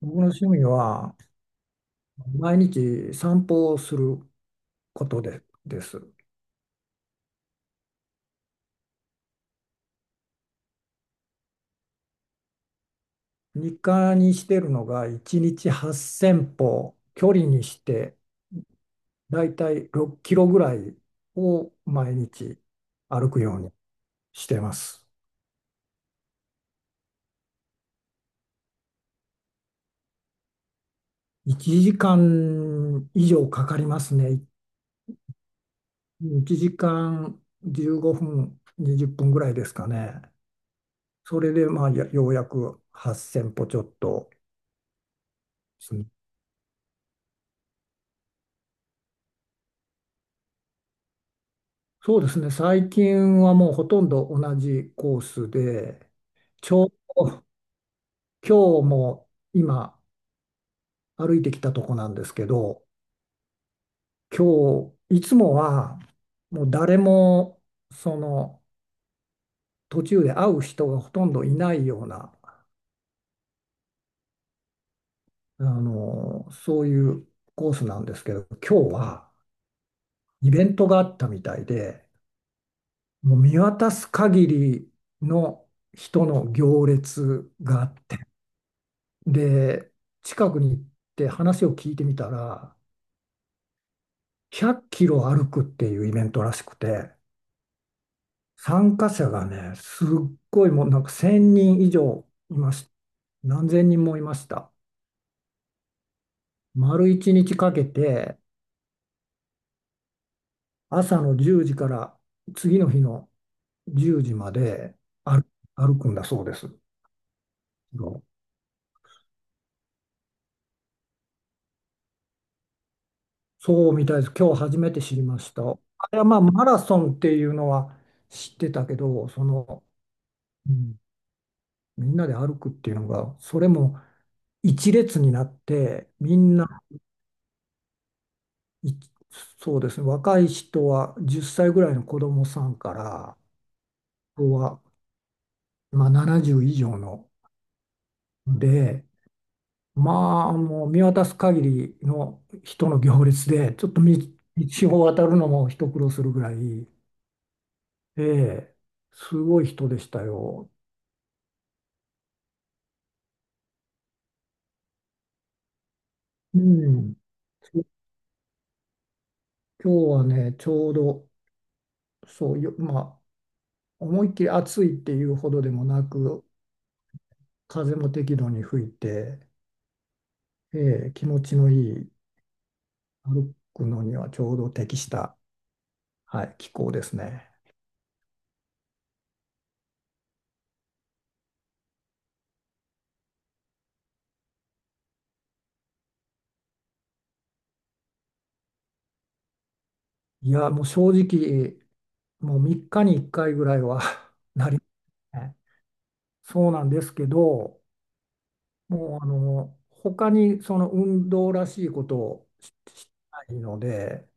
僕の趣味は毎日散歩をすることで、です。日課にしてるのが1日8000歩、距離にしてだいたい6キロぐらいを毎日歩くようにしてます。1時間以上かかりますね。1時間15分、20分ぐらいですかね。それでまあようやく8000歩ちょっとですね。そうですね、最近はもうほとんど同じコースで、ちょ、今日も今歩いてきたとこなんですけど、今日、いつもはもう誰もその途中で会う人がほとんどいないような、あの、そういうコースなんですけど、今日はイベントがあったみたいで、もう見渡す限りの人の行列がで、近くに行って話を聞いてみたら、100キロ歩くっていうイベントらしくて、参加者がね、すっごいもうなんか1000人以上いました。何千人もいました。丸1日かけて、朝の10時から次の日の10時まで歩、歩くんだそうです。そうみたいです。今日初めて知りました。あれはまあマラソンっていうのは知ってたけど、その、うん、みんなで歩くっていうのが、それも一列になって、みんな、いそうですね、若い人は10歳ぐらいの子供さんから、あとは、まあ、70以上ので、まあ、もう見渡す限りの人の行列で、ちょっと道を渡るのも一苦労するぐらい、ええ、すごい人でしたよ。うん、今日はね、ちょうど、そうよ、まあ、思いっきり暑いっていうほどでもなく、風も適度に吹いて、気持ちのいい、歩くのにはちょうど適した、はい、気候ですね。いや、もう正直、もう3日に1回ぐらいは ね、そうなんですけど、もう、あの、他にその運動らしいことをしないので、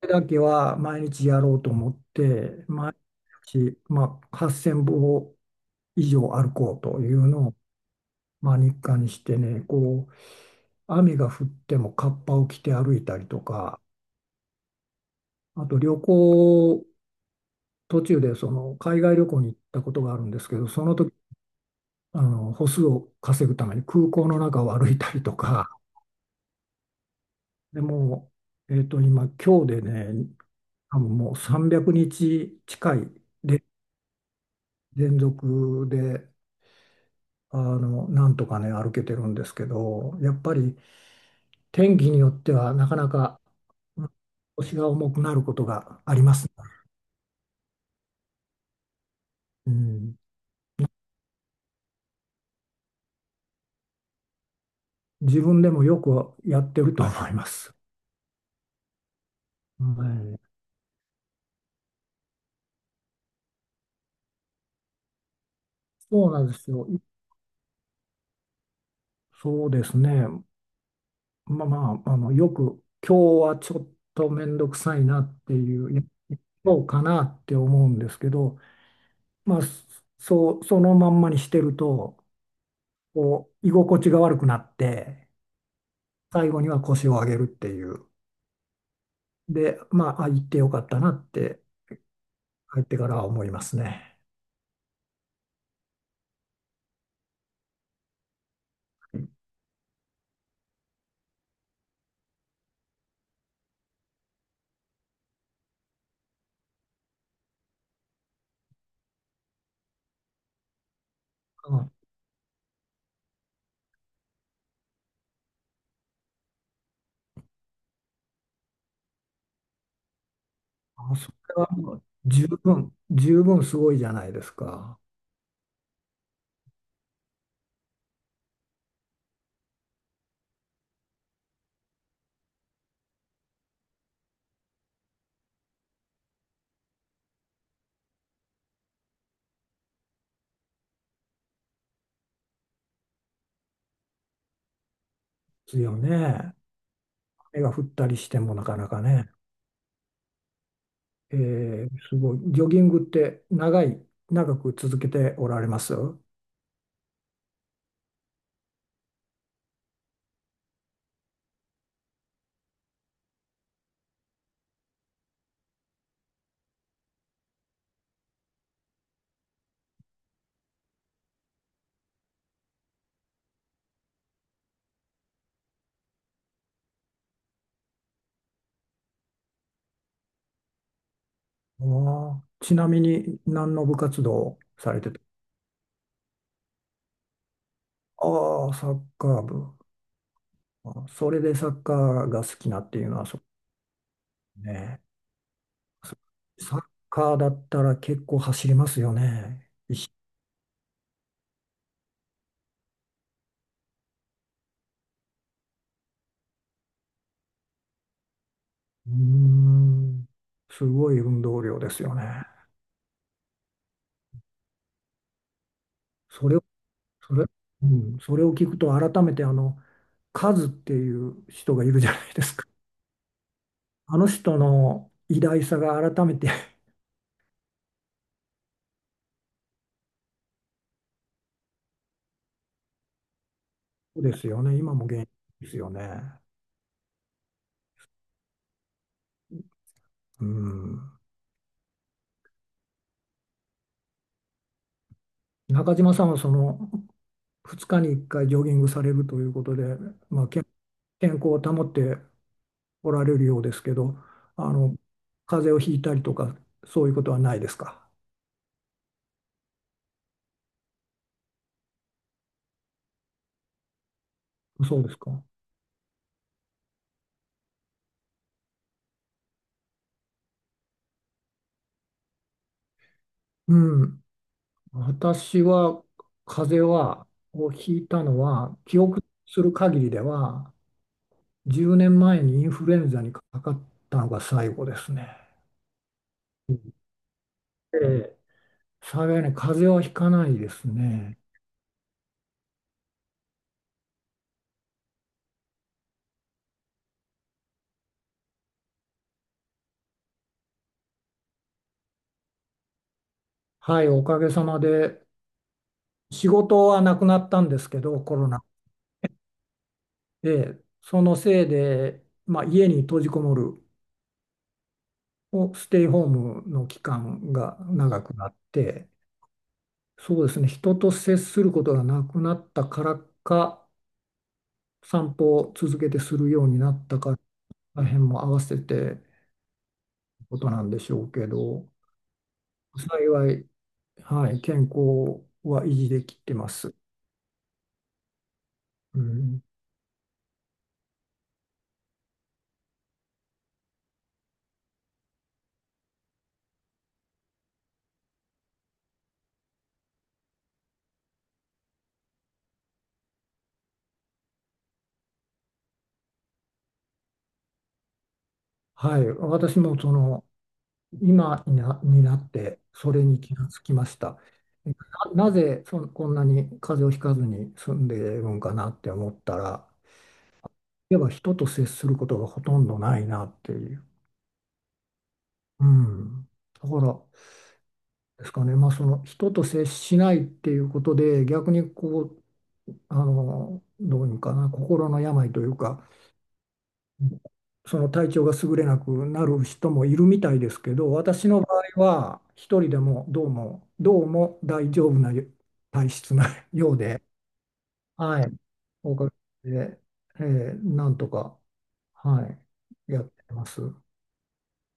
これだけは毎日やろうと思って、毎日、まあ、8000歩以上歩こうというのを、まあ、日課にしてね、こう、雨が降ってもカッパを着て歩いたりとか、あと旅行、途中でその海外旅行に行ったことがあるんですけど、その時、あの、歩数を稼ぐために空港の中を歩いたりとか、でもう、今日でね、多分もう300日近いで連続で、あの、なんとかね、歩けてるんですけど、やっぱり天気によってはなかなかうん腰が重くなることがありますね。うん。自分でもよくやってると思います。はい、そうなんですよ。そうですね。まあまあ、あの、よく今日はちょっと面倒くさいなっていう、いや、そうかなって思うんですけど、まあ、そう、そのまんまにしてると、こう、居心地が悪くなって、最後には腰を上げるっていう。で、まあ、あ、行ってよかったなって、帰ってからは思いますね。うん、あ、それはもう十分、十分すごいじゃないですか。ですよね。雨が降ったりしてもなかなかね。すごい。ジョギングって長く続けておられますあ、あ、ちなみに何の部活動をされてた、ああ、サッカー部。あ、それでサッカーが好きなっていうのはそうね。そサッカーだったら結構走りますよね。うーん、すごい運動量ですよね。それをそれ、うん、それを聞くと改めて、あの、カズっていう人がいるじゃないですか。あの人の偉大さが改めて そうですよね。今も現役ですよね。うん。中島さんはその2日に1回ジョギングされるということで、まあ、健康を保っておられるようですけど、あの、風邪をひいたりとかそういうことはないですか。そうですか。うん。私は風邪をひいたのは記憶する限りでは10年前にインフルエンザにかかったのが最後ですね。うん。で、幸いに風邪はひかないですね。はい、おかげさまで仕事はなくなったんですけど、コロナで、そのせいで、まあ、家に閉じこもるステイホームの期間が長くなって、そうですね、人と接することがなくなったからか、散歩を続けてするようになったから、大変も合わせてことなんでしょうけど、幸い、はい、健康は維持できてます。うん、はい、私もその今にになってそれに気がつきました。なぜこんなに風邪をひかずに済んでいるんかなって思ったら、やっぱ人と接することがほとんどないなっていう。うん。だからですかね、まあ、その人と接しないっていうことで逆にこう、あの、どういうのかな、心の病というか、その、体調が優れなくなる人もいるみたいですけど、私の場合は一人でもどうもどうも大丈夫な体質なようで、はい、おかげで、なんとか、はい、やってます。